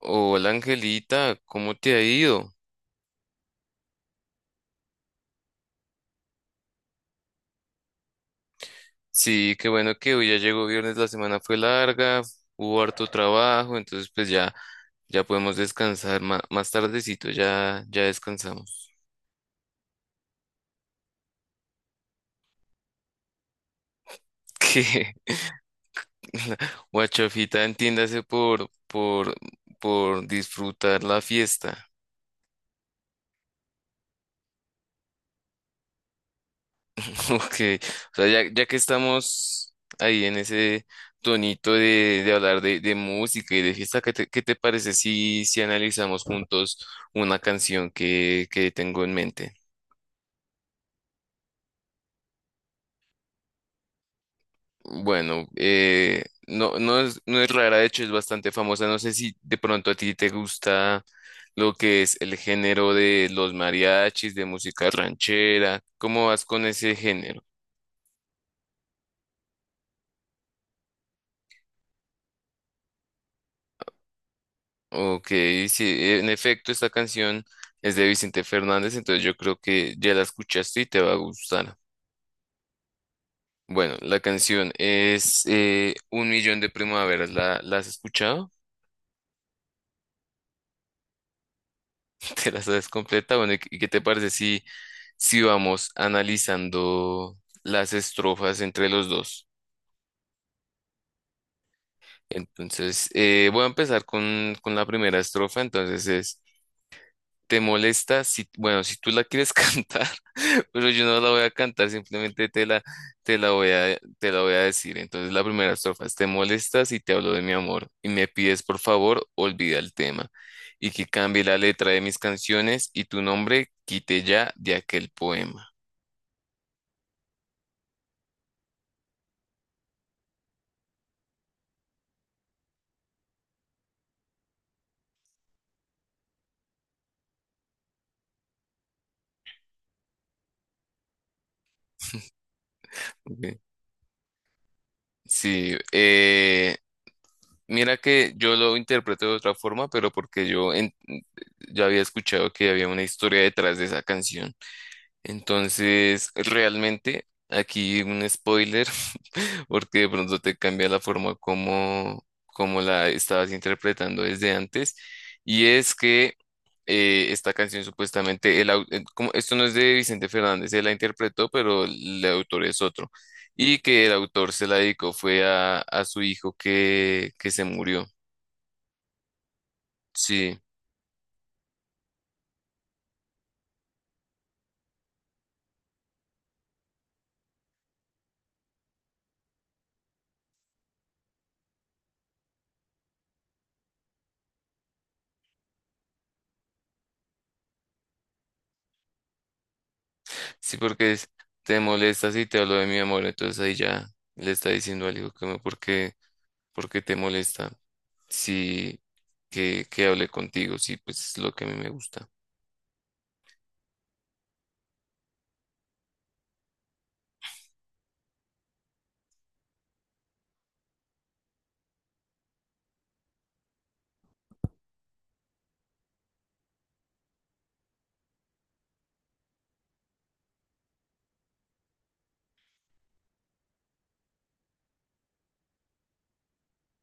Hola Angelita, ¿cómo te ha ido? Sí, qué bueno que hoy ya llegó viernes, la semana fue larga, hubo harto trabajo, entonces pues ya podemos descansar más, tardecito, ya descansamos. Que la guachafita entiéndase por disfrutar la fiesta. Ok, o sea, ya que estamos ahí en ese tonito de hablar de música y de fiesta, ¿qué te parece si analizamos juntos una canción que tengo en mente? Bueno, no, no es rara, de hecho es bastante famosa. No sé si de pronto a ti te gusta lo que es el género de los mariachis, de música ranchera. ¿Cómo vas con ese género? Ok, sí, en efecto, esta canción es de Vicente Fernández, entonces yo creo que ya la escuchaste y te va a gustar. Bueno, la canción es Un Millón de Primaveras. ¿La has escuchado? ¿Te la sabes completa? Bueno, ¿y qué te parece si vamos analizando las estrofas entre los dos? Entonces, voy a empezar con la primera estrofa. Entonces es, ¿te molesta bueno, si tú la quieres cantar? Pero yo no la voy a cantar, simplemente te la voy a, te la voy a decir. Entonces la primera estrofa es, te molestas y te hablo de mi amor y me pides por favor, olvida el tema y que cambie la letra de mis canciones y tu nombre quite ya de aquel poema. Ok. Sí, mira que yo lo interpreto de otra forma, pero porque yo ya había escuchado que había una historia detrás de esa canción. Entonces, realmente, aquí un spoiler, porque de pronto te cambia la forma como la estabas interpretando desde antes. Y es que esta canción supuestamente, esto no es de Vicente Fernández, él la interpretó, pero el autor es otro. Y que el autor se la dedicó fue a su hijo que se murió. Sí, sí, porque es, te molestas y te hablo de mi amor, entonces ahí ya le está diciendo al hijo porque ¿por qué te molesta? Sí, que hable contigo, sí, pues es lo que a mí me gusta.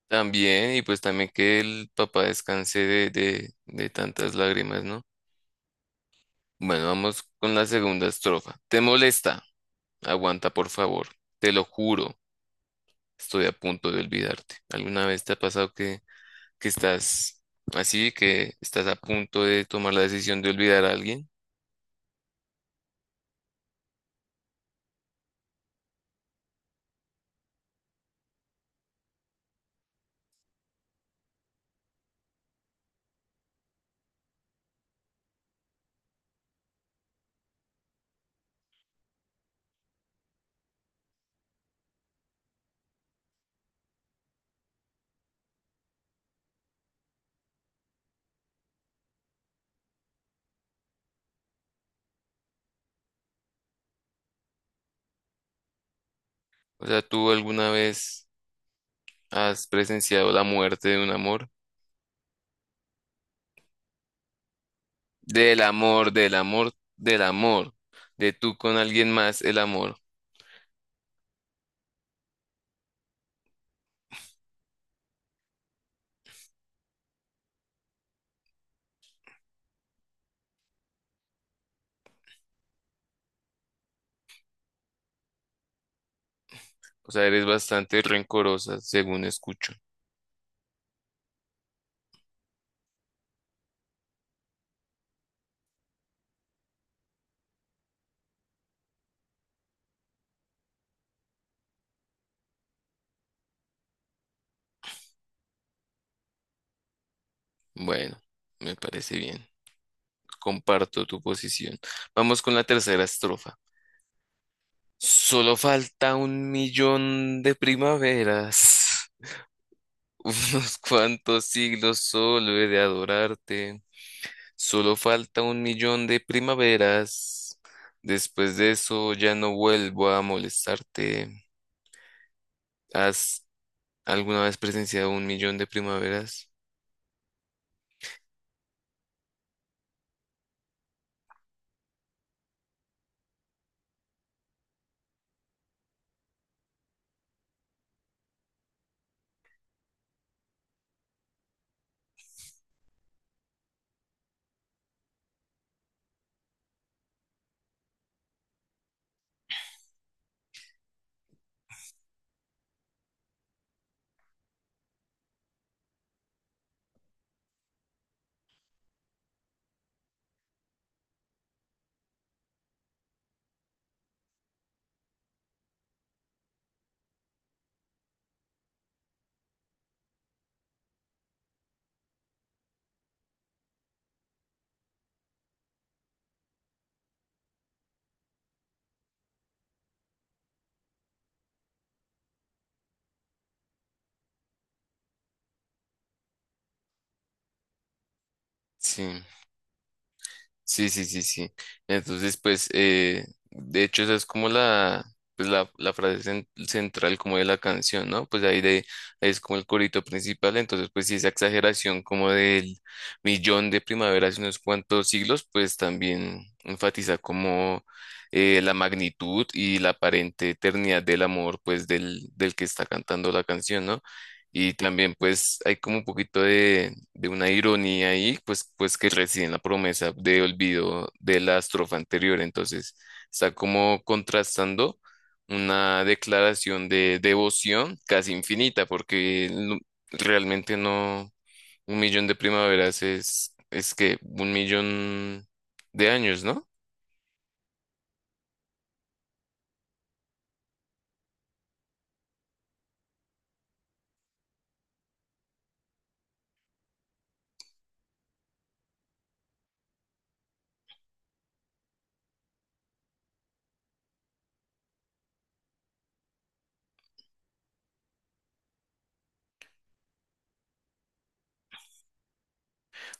También, y pues también que el papá descanse de tantas lágrimas, ¿no? Bueno, vamos con la segunda estrofa. ¿Te molesta? Aguanta, por favor. Te lo juro, estoy a punto de olvidarte. ¿Alguna vez te ha pasado que estás así, que estás a punto de tomar la decisión de olvidar a alguien? O sea, ¿tú alguna vez has presenciado la muerte de un amor? Del amor, del amor, del amor. De tú con alguien más, el amor. O sea, eres bastante rencorosa, según escucho. Bueno, me parece bien. Comparto tu posición. Vamos con la tercera estrofa. Solo falta un millón de primaveras, unos cuantos siglos solo he de adorarte. Solo falta un millón de primaveras. Después de eso ya no vuelvo a molestarte. Has ¿Alguna vez presenciado un millón de primaveras? Sí, sí, sí, sí, sí. Entonces, pues, de hecho, esa es como pues, la frase central como de la canción, ¿no? Pues ahí, ahí es como el corito principal, entonces, pues, sí, esa exageración como del millón de primaveras y unos cuantos siglos, pues también enfatiza como la magnitud y la aparente eternidad del amor, pues, del que está cantando la canción, ¿no? Y también pues hay como un poquito de una ironía ahí, pues que reside en la promesa de olvido de la estrofa anterior. Entonces está como contrastando una declaración de devoción casi infinita, porque realmente no, un millón de primaveras es que un millón de años, ¿no?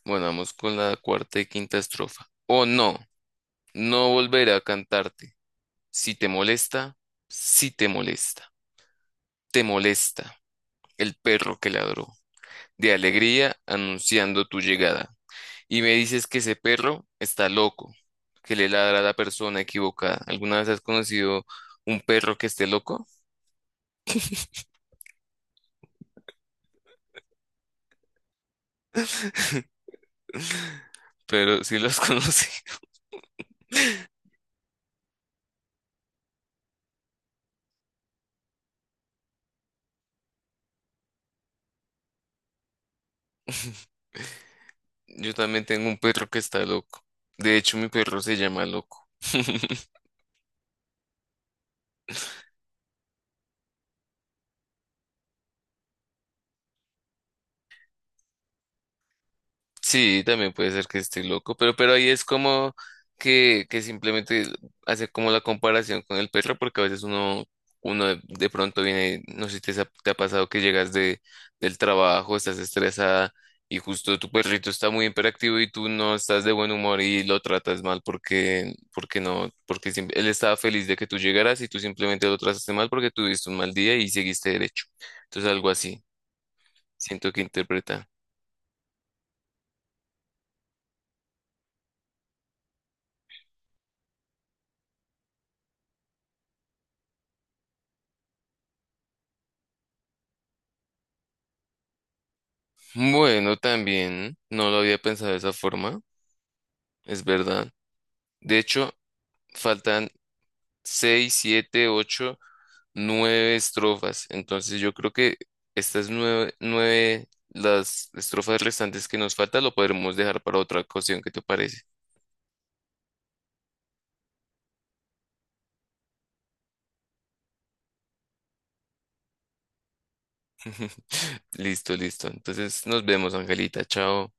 Bueno, vamos con la cuarta y quinta estrofa. Oh, no, no volveré a cantarte. Si te molesta, si te molesta. Te molesta el perro que ladró de alegría anunciando tu llegada. Y me dices que ese perro está loco, que le ladra a la persona equivocada. ¿Alguna vez has conocido un perro que esté loco? Pero sí los has. Yo también tengo un perro que está loco. De hecho, mi perro se llama Loco. Sí, también puede ser que esté loco, pero ahí es como que simplemente hace como la comparación con el perro, porque a veces uno de pronto viene, no sé si te ha pasado que llegas del trabajo, estás estresada y justo tu perrito está muy hiperactivo y tú no estás de buen humor y lo tratas mal porque no, él estaba feliz de que tú llegaras y tú simplemente lo trataste mal porque tuviste un mal día y seguiste derecho. Entonces algo así, siento que interpreta. Bueno, también no lo había pensado de esa forma, es verdad. De hecho, faltan seis, siete, ocho, nueve estrofas. Entonces yo creo que estas nueve, las estrofas restantes que nos faltan lo podremos dejar para otra ocasión, ¿qué te parece? Listo, listo. Entonces nos vemos, Angelita. Chao.